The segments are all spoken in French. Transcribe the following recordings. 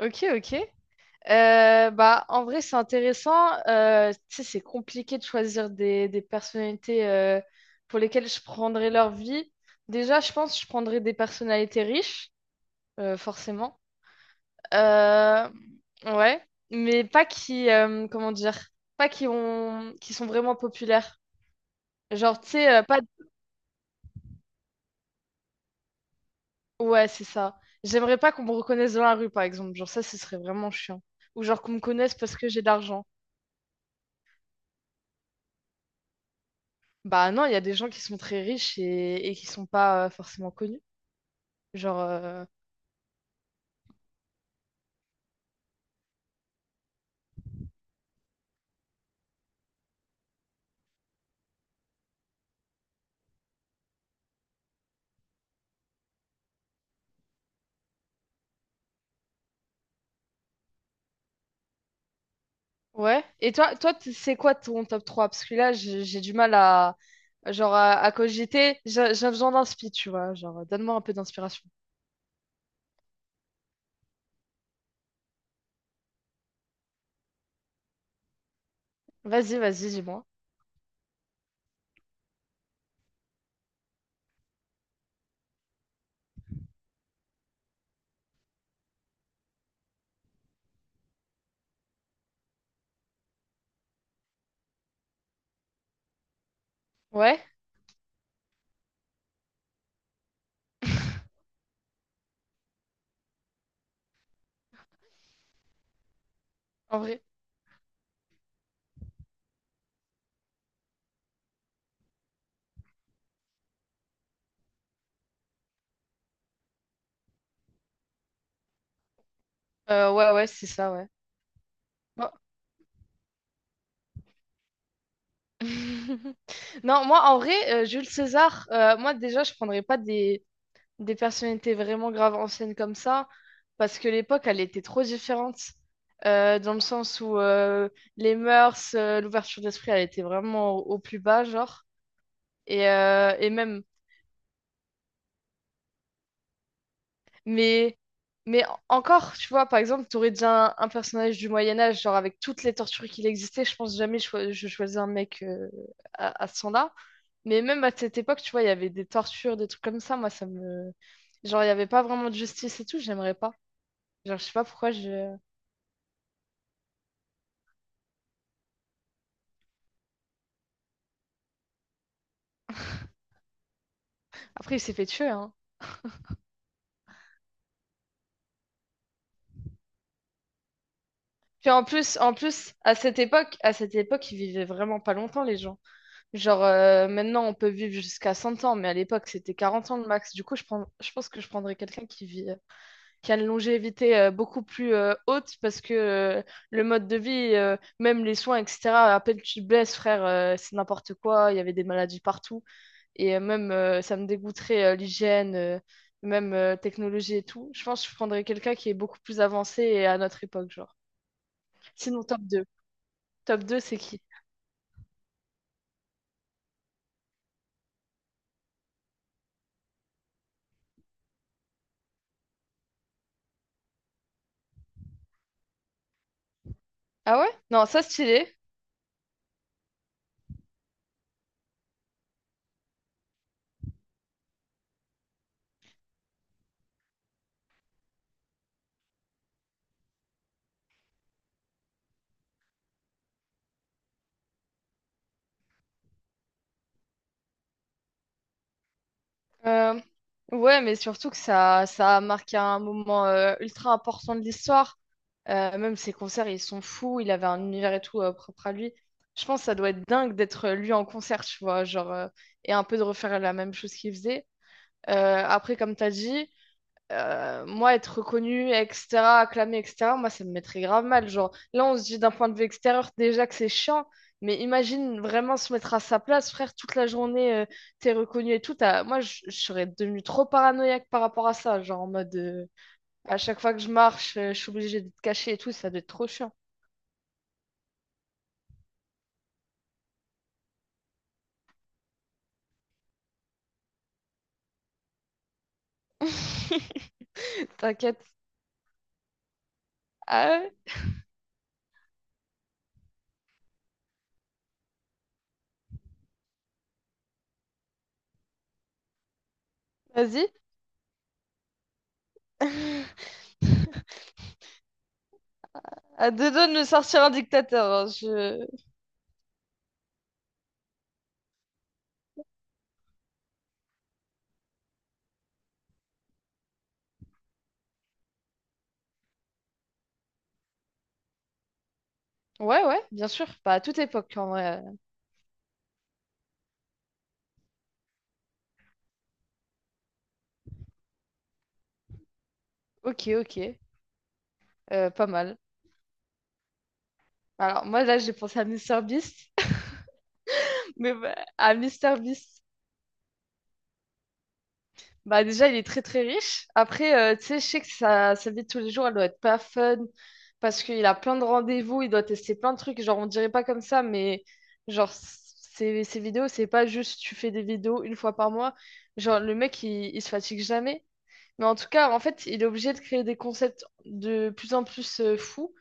Ok, ok. Bah, en vrai, c'est intéressant. Tu sais, c'est compliqué de choisir des personnalités pour lesquelles je prendrais leur vie. Déjà, je pense que je prendrais des personnalités riches, forcément. Euh, ouais, mais pas qui, comment dire, pas qui ont, qui sont vraiment populaires. Genre, tu sais, pas. Ouais, c'est ça. J'aimerais pas qu'on me reconnaisse dans la rue, par exemple. Genre, ça, ce serait vraiment chiant. Ou genre qu'on me connaisse parce que j'ai d'argent. Bah non, il y a des gens qui sont très riches et qui sont pas forcément connus. Genre, ouais. Et toi, c'est quoi ton top trois? Parce que là, j'ai du mal à, genre, à cogiter. J'ai besoin d'inspi, tu vois. Genre, donne-moi un peu d'inspiration. Vas-y, vas-y, dis-moi. Ouais, en vrai. Ouais, ouais, c'est ça, ouais. Bon. Non, moi, en vrai, Jules César, moi, déjà, je prendrais pas des personnalités vraiment graves anciennes comme ça, parce que l'époque, elle était trop différente, dans le sens où les mœurs, l'ouverture d'esprit, elle était vraiment au plus bas, genre. Et même, mais, mais encore, tu vois, par exemple, tu aurais déjà un personnage du Moyen-Âge, genre avec toutes les tortures qu'il existait, je pense jamais je choisis un mec à ce temps-là. Mais même à cette époque, tu vois, il y avait des tortures, des trucs comme ça, moi, ça me. Genre, il n'y avait pas vraiment de justice et tout, j'aimerais pas. Genre, je sais pas pourquoi je. Après, il s'est fait tuer, hein. Puis en plus, à cette époque, ils vivaient vraiment pas longtemps, les gens. Genre, maintenant, on peut vivre jusqu'à 100 ans, mais à l'époque, c'était 40 ans le max. Du coup, je pense que je prendrais quelqu'un qui vit, qui a une longévité beaucoup plus haute parce que le mode de vie, même les soins, etc., à peine tu te blesses, frère, c'est n'importe quoi. Il y avait des maladies partout. Et même, ça me dégoûterait l'hygiène, même technologie et tout. Je pense que je prendrais quelqu'un qui est beaucoup plus avancé et à notre époque, genre. Sinon, top deux. Top deux, c'est qui? Ah ouais? Non, ça, stylé. Euh, ouais, mais surtout que ça a marqué un moment ultra important de l'histoire. Même ses concerts, ils sont fous. Il avait un univers et tout propre à lui. Je pense que ça doit être dingue d'être lui en concert, tu vois, genre, et un peu de refaire la même chose qu'il faisait. Après, comme t'as dit, moi, être reconnu, etc., acclamé, etc., moi, ça me mettrait grave mal. Genre, là, on se dit d'un point de vue extérieur déjà que c'est chiant, mais imagine vraiment se mettre à sa place, frère, toute la journée, t'es reconnu et tout. Moi, je serais devenue trop paranoïaque par rapport à ça. Genre, en mode, à chaque fois que je marche, je suis obligée d'être cachée et tout, ça doit être trop chiant. T'inquiète. Ah ouais, vas-y. À deux doigts de me sortir un dictateur, hein, je. Ouais, ouais, bien sûr. Pas à toute époque, en vrai. Ok, ok. Pas mal. Alors, moi, là, j'ai pensé à Mister Beast. Mais bah, à Mister Beast. Bah, déjà, il est très, très riche. Après, tu sais, je sais que sa vie de tous les jours, elle doit être pas fun. Parce qu'il a plein de rendez-vous, il doit tester plein de trucs. Genre, on dirait pas comme ça, mais genre, ses vidéos, c'est pas juste tu fais des vidéos une fois par mois. Genre, le mec, il se fatigue jamais. Mais en tout cas, en fait, il est obligé de créer des concepts de plus en plus fous.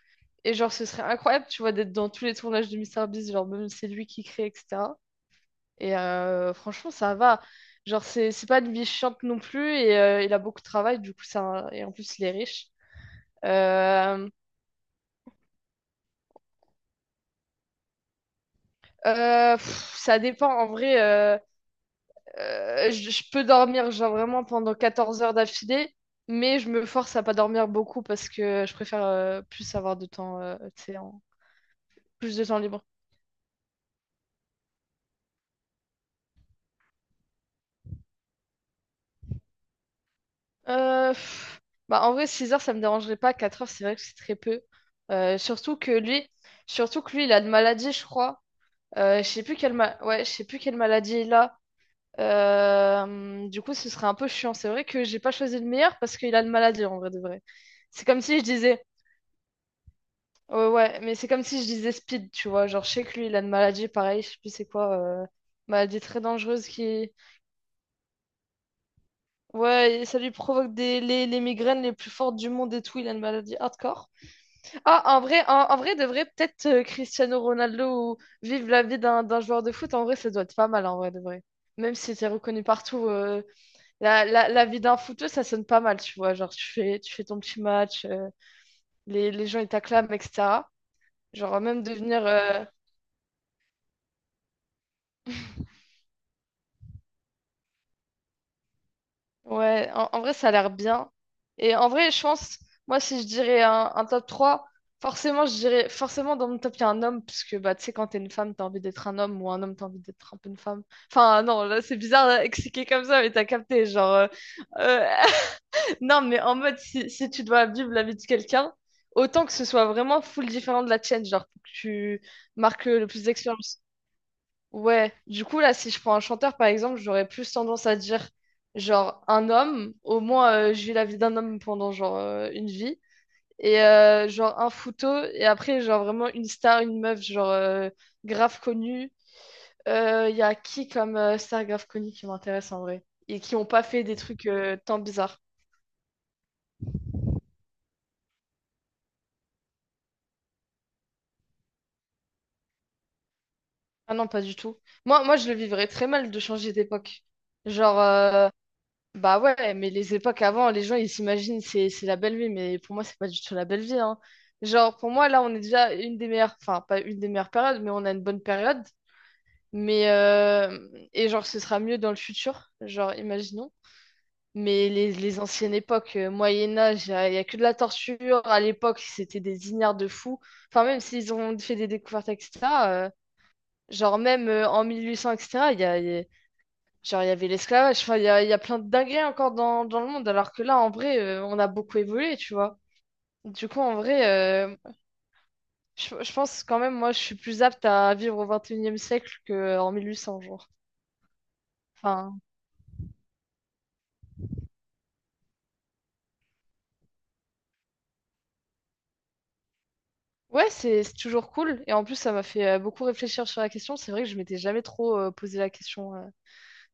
Et genre, ce serait incroyable, tu vois, d'être dans tous les tournages de Mister Beast. Genre, même si c'est lui qui crée, etc. Franchement, ça va. Genre, c'est pas une vie chiante non plus. Et il a beaucoup de travail, du coup, ça, et en plus, il est riche. Euh, pff, ça dépend. En vrai, je peux dormir, genre vraiment pendant 14 heures d'affilée. Mais je me force à pas dormir beaucoup parce que je préfère plus avoir de temps, tu sais, plus de temps libre. Pff, bah, en vrai, 6 heures, ça me dérangerait pas. 4 heures, c'est vrai que c'est très peu. Surtout que lui, il a une maladie, je crois. Je sais plus ouais, je sais plus quelle maladie il a. Du coup, ce serait un peu chiant. C'est vrai que j'ai pas choisi le meilleur parce qu'il a une maladie en vrai de vrai. C'est comme si je disais, ouais, ouais, mais c'est comme si je disais Speed, tu vois. Genre, je sais que lui, il a une maladie, pareil, je sais plus c'est quoi, euh, maladie très dangereuse qui, ouais, et ça lui provoque les migraines les plus fortes du monde et tout. Il a une maladie hardcore. Ah, en vrai, en vrai, de vrai, peut-être Cristiano Ronaldo ou vivre la vie d'un joueur de foot, en vrai, ça doit être pas mal, en vrai, de vrai. Même si t'es reconnu partout, la vie d'un footeux, ça sonne pas mal, tu vois. Genre, tu fais ton petit match, les gens, ils t'acclament, etc. Genre, même devenir, ouais, en vrai, ça a l'air bien. Et en vrai, je pense, moi, si je dirais un top trois, forcément, je dirais, forcément, dans mon top, il y a un homme, parce que, bah, tu sais, quand t'es une femme, t'as envie d'être un homme, ou un homme, t'as envie d'être un peu une femme. Enfin, non, là, c'est bizarre là, expliquer comme ça, mais t'as capté, genre, euh, non, mais en mode, si tu dois vivre la vie de quelqu'un, autant que ce soit vraiment full différent de la tienne, genre, pour que tu marques le plus d'expérience. Ouais, du coup, là, si je prends un chanteur, par exemple, j'aurais plus tendance à dire, genre, un homme, au moins, je vis la vie d'un homme pendant, genre, une vie, et, genre, un photo, et après, genre, vraiment, une star, une meuf, genre, grave connue. Il y a qui comme star grave connue qui m'intéresse en vrai, et qui ont pas fait des trucs tant bizarres? Ah non, pas du tout. Moi, je le vivrais très mal de changer d'époque. Genre, euh, Bah ouais, mais les époques avant, les gens ils s'imaginent c'est la belle vie, mais pour moi c'est pas du tout la belle vie, hein. Genre pour moi là on est déjà une des meilleures, enfin pas une des meilleures périodes, mais on a une bonne période. Mais et genre ce sera mieux dans le futur, genre imaginons. Mais les anciennes époques, Moyen Âge, y a que de la torture. À l'époque c'était des ignares de fous. Enfin même s'ils ont fait des découvertes, etc., euh, genre même en 1800, etc. Genre, il y avait l'esclavage, enfin, il y a plein de dingueries encore dans le monde, alors que là, en vrai, on a beaucoup évolué, tu vois. Du coup, en vrai, euh, je pense quand même, moi, je suis plus apte à vivre au 21e siècle qu'en 1800, genre. Enfin, ouais, c'est toujours cool. Et en plus, ça m'a fait beaucoup réfléchir sur la question. C'est vrai que je m'étais jamais trop posé la question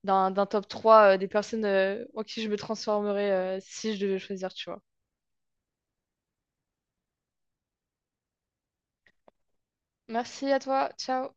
d'un top 3 des personnes en qui je me transformerais si je devais choisir, tu vois. Merci à toi, ciao.